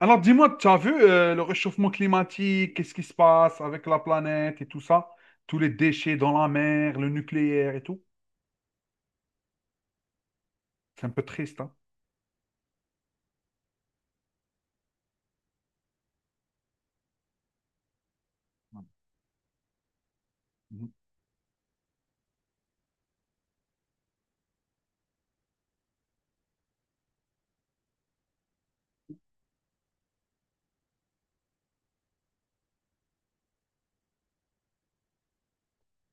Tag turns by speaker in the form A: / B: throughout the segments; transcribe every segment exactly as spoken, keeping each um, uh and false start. A: Alors dis-moi, tu as vu euh, le réchauffement climatique, qu'est-ce qui se passe avec la planète et tout ça? Tous les déchets dans la mer, le nucléaire et tout. C'est un peu triste, hein? Mhm.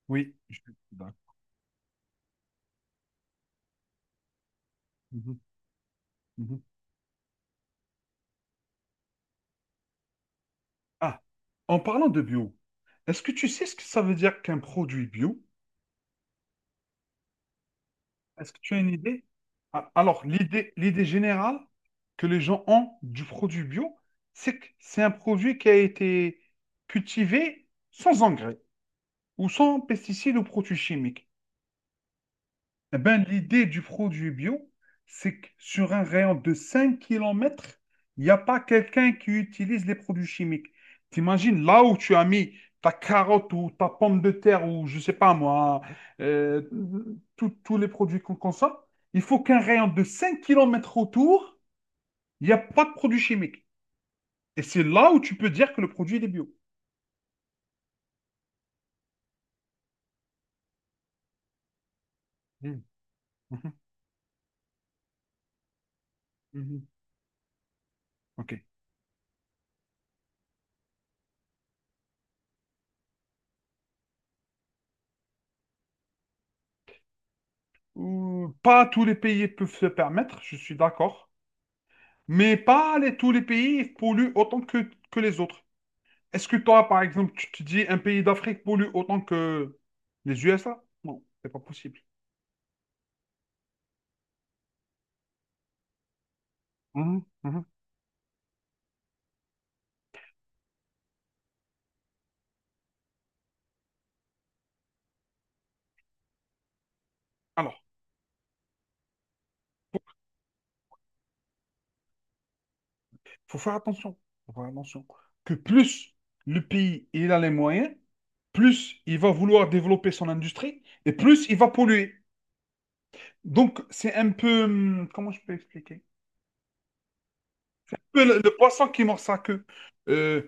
A: Oui. Je suis d'accord. Mhm, mhm. Ah, en parlant de bio, est-ce que tu sais ce que ça veut dire qu'un produit bio? Est-ce que tu as une idée? Ah, alors, l'idée, l'idée générale que les gens ont du produit bio, c'est que c'est un produit qui a été cultivé sans engrais ou sans pesticides ou produits chimiques. Eh ben, l'idée du produit bio, c'est que sur un rayon de cinq kilomètres, il n'y a pas quelqu'un qui utilise les produits chimiques. T'imagines, là où tu as mis ta carotte ou ta pomme de terre ou je sais pas moi, euh, tout- tous les produits qu'on consomme, il faut qu'un rayon de cinq kilomètres autour, il n'y a pas de produits chimiques. Et c'est là où tu peux dire que le produit il est bio. Mhm, mhm, mhm. OK. Ou pas tous les pays peuvent se permettre, je suis d'accord. Mais pas les- tous les pays polluent autant que, que les autres. Est-ce que toi, par exemple, tu te dis un pays d'Afrique pollue autant que les U S A? Non, c'est pas possible. Mhm, mhm. Alors, faut faut faire attention. Faut faire attention. Que plus le pays il a les moyens, plus il va vouloir développer son industrie et plus il va polluer. Donc, c'est un peu. hum, Comment je peux expliquer? Peu le, le poisson qui mord sa queue. Euh,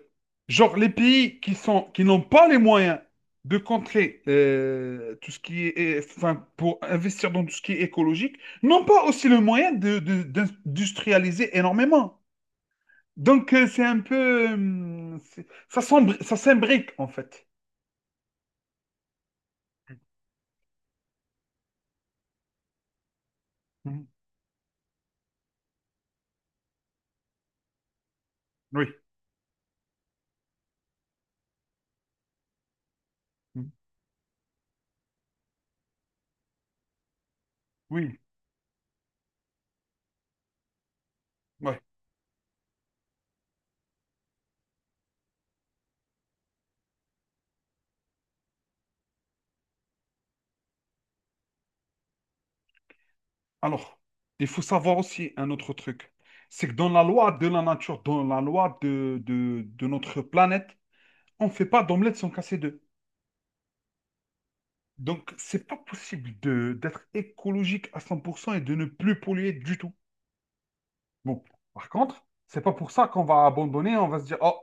A: genre les pays qui sont, qui n'ont pas les moyens de contrer euh, tout ce qui est, est- enfin, pour investir dans tout ce qui est écologique, n'ont pas aussi le moyen de, de- d'industrialiser énormément. Donc euh, c'est un peu, hum, c'est- ça s'embr- ça s'imbrique en fait. Mhm. Oui, mhm, oui, ouais. Alors, il faut savoir aussi un autre truc. C'est que dans la loi de la nature, dans la loi de, de, de notre planète, on ne fait pas d'omelette sans casser d'œufs. Donc, c'est pas possible de d'être écologique à cent pour cent et de ne plus polluer du tout. Bon, par contre, c'est pas pour ça qu'on va abandonner, on va se dire, oh,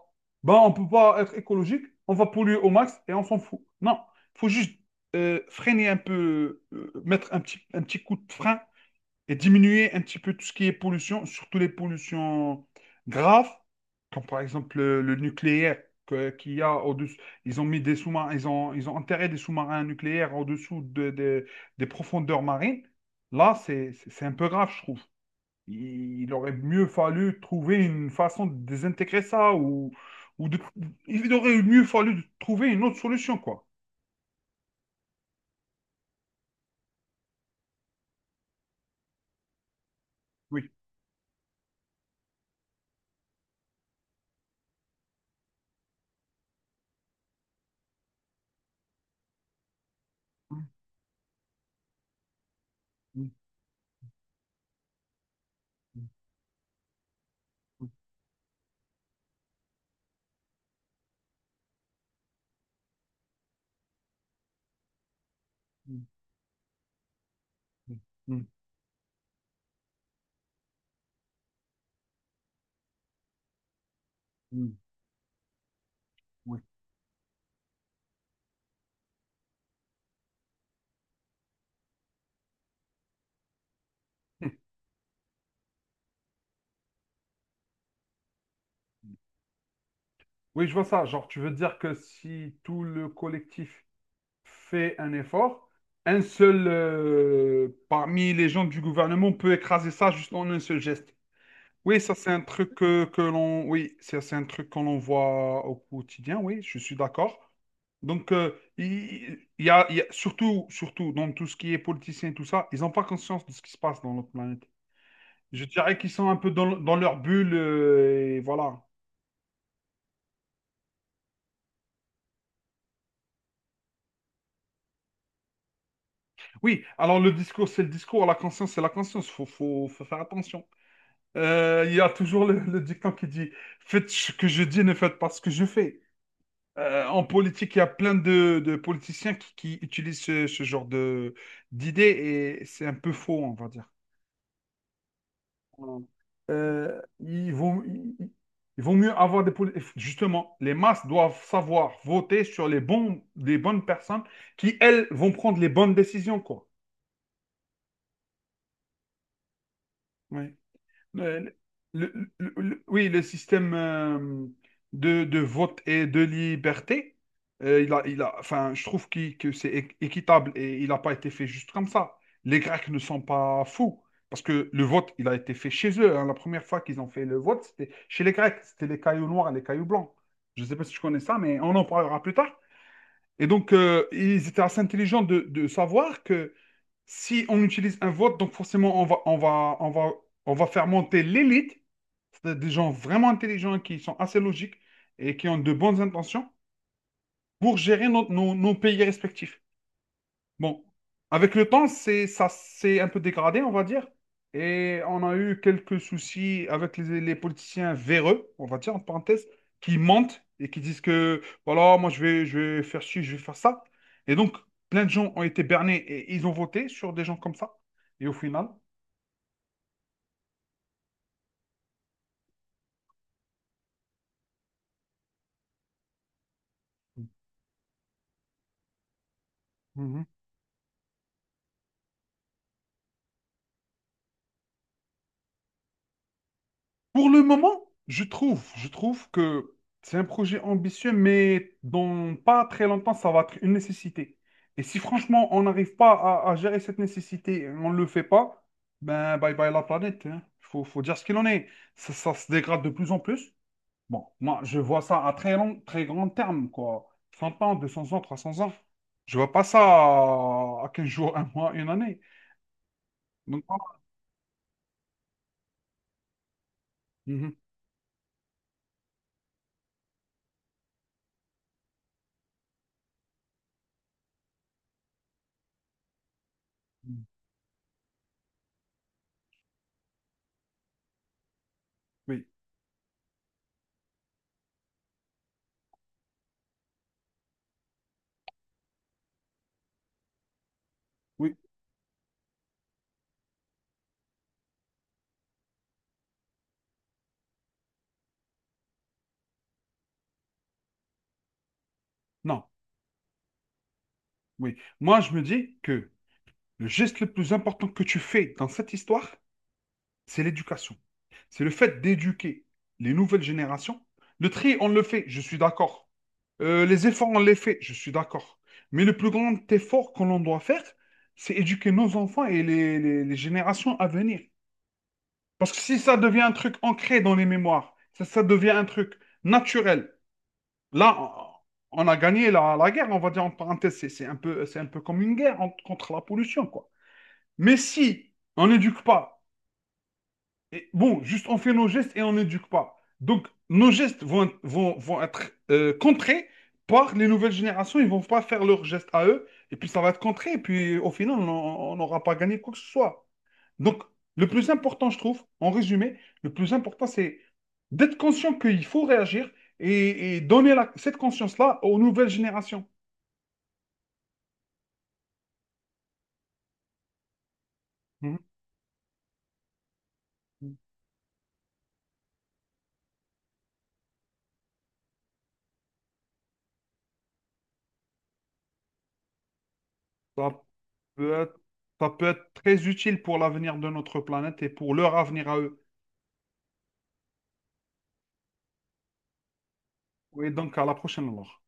A: ben on peut pas être écologique, on va polluer au max et on s'en fout. Non, il faut juste euh, freiner un peu, euh, mettre un petit, un petit coup de frein et diminuer un petit peu tout ce qui est pollution, surtout les pollutions graves, comme par exemple le, le nucléaire que- qu'il y a au-dessus. Ils ont mis des sous-marins, ils ont, ils ont enterré des sous-marins nucléaires au-dessous de- de- des profondeurs marines. Là, c'est, c'est c'est un peu grave, je trouve. Il, il aurait mieux fallu trouver une façon de désintégrer ça ou, ou de, il aurait mieux fallu de trouver une autre solution, quoi. Oui. Mm, mm, mm, mm, mm, mm, mm, oui. Oui, je vois ça. Genre, tu veux dire que si tout le collectif fait un effort, un seul euh, parmi les gens du gouvernement peut écraser ça juste en un seul geste. Oui, ça c'est un truc que, que l'on, oui, ça, c'est un truc qu'on voit au quotidien. Oui, je suis d'accord. Donc, euh, il il y, a, il y a- surtout, surtout dans tout ce qui est politicien et tout ça, ils n'ont pas conscience de ce qui se passe dans notre planète. Je dirais qu'ils sont un peu dans, dans leur bulle euh, et voilà. Oui, alors le discours, c'est le discours, la conscience, c'est la conscience. Faut, faut, faut faire attention. Euh, Il y a toujours le, le dicton qui dit, faites ce que je dis, ne faites pas ce que je fais. Euh, en politique, il y a plein de, de politiciens qui, qui utilisent ce, ce genre de d'idées et c'est un peu faux, on va dire. Euh, ils vont, ils, ils vont mieux avoir des politiques. Justement, les masses doivent savoir voter sur les bons, les bonnes personnes qui, elles, vont prendre les bonnes décisions, quoi. Oui. Le- le- le- le- oui, le système euh, de, de vote et de liberté, euh, il a, il a, enfin, je trouve qu'il- que c'est é- équitable et il n'a pas été fait juste comme ça. Les Grecs ne sont pas fous parce que le vote, il a été fait chez eux, hein. La première fois qu'ils ont fait le vote, c'était chez les Grecs. C'était les cailloux noirs et les cailloux blancs. Je ne sais pas si tu connais ça, mais on en parlera plus tard. Et donc, euh, ils étaient assez intelligents de, de savoir que si on utilise un vote, donc forcément, on va, on va, on va, on va faire monter l'élite, c'est des gens vraiment intelligents qui sont assez logiques et qui ont de bonnes intentions pour gérer nos, nos- nos pays respectifs. Bon, avec le temps, c'est, ça s'est un peu dégradé, on va dire. Et on a eu quelques soucis avec les, les politiciens véreux, on va dire, en parenthèse, qui mentent et qui disent que, voilà, moi je vais, je vais faire ci, je vais faire ça. Et donc, plein de gens ont été bernés et ils ont voté sur des gens comme ça. Et au final, pour le moment, je trouve, je trouve que c'est un projet ambitieux, mais dans pas très longtemps, ça va être une nécessité. Et si franchement, on n'arrive pas à, à gérer cette nécessité, on ne le fait pas, ben bye bye la planète. Il Faut, faut dire ce qu'il en est. Ça, ça se dégrade de plus en plus. Bon, moi, je vois ça à très long, très grand terme, quoi. Cent ans, deux cents ans, trois cents ans. Je vois pas ça à, à quinze jours, un mois, une année. Donc, voilà. Mhm. Oui, oui, non, oui. Moi, je me dis que le geste le plus important que tu fais dans cette histoire, c'est l'éducation. C'est le fait d'éduquer les nouvelles générations. Le tri, on le fait, je suis d'accord. Euh, les efforts, on les fait, je suis d'accord. Mais le plus grand effort que l'on doit faire, c'est éduquer nos enfants et les, les- les générations à venir. Parce que si ça devient un truc ancré dans les mémoires, ça, ça devient un truc naturel, là, on a gagné la, la guerre, on va dire en parenthèse, c'est c'est un peu, c'est un peu comme une guerre en- contre la pollution, quoi. Mais si on n'éduque pas, et bon, juste on fait nos gestes et on n'éduque pas. Donc, nos gestes vont, vont, vont être euh, contrés par les nouvelles générations. Ils ne vont pas faire leurs gestes à eux. Et puis, ça va être contré. Et puis, au final, on on n'aura pas gagné quoi que ce soit. Donc, le plus important, je trouve, en résumé, le plus important, c'est d'être conscient qu'il faut réagir et, et donner la- cette conscience-là aux nouvelles générations. Mhm. Ça peut être, ça peut être très utile pour l'avenir de notre planète et pour leur avenir à eux. Et donc, à la prochaine alors.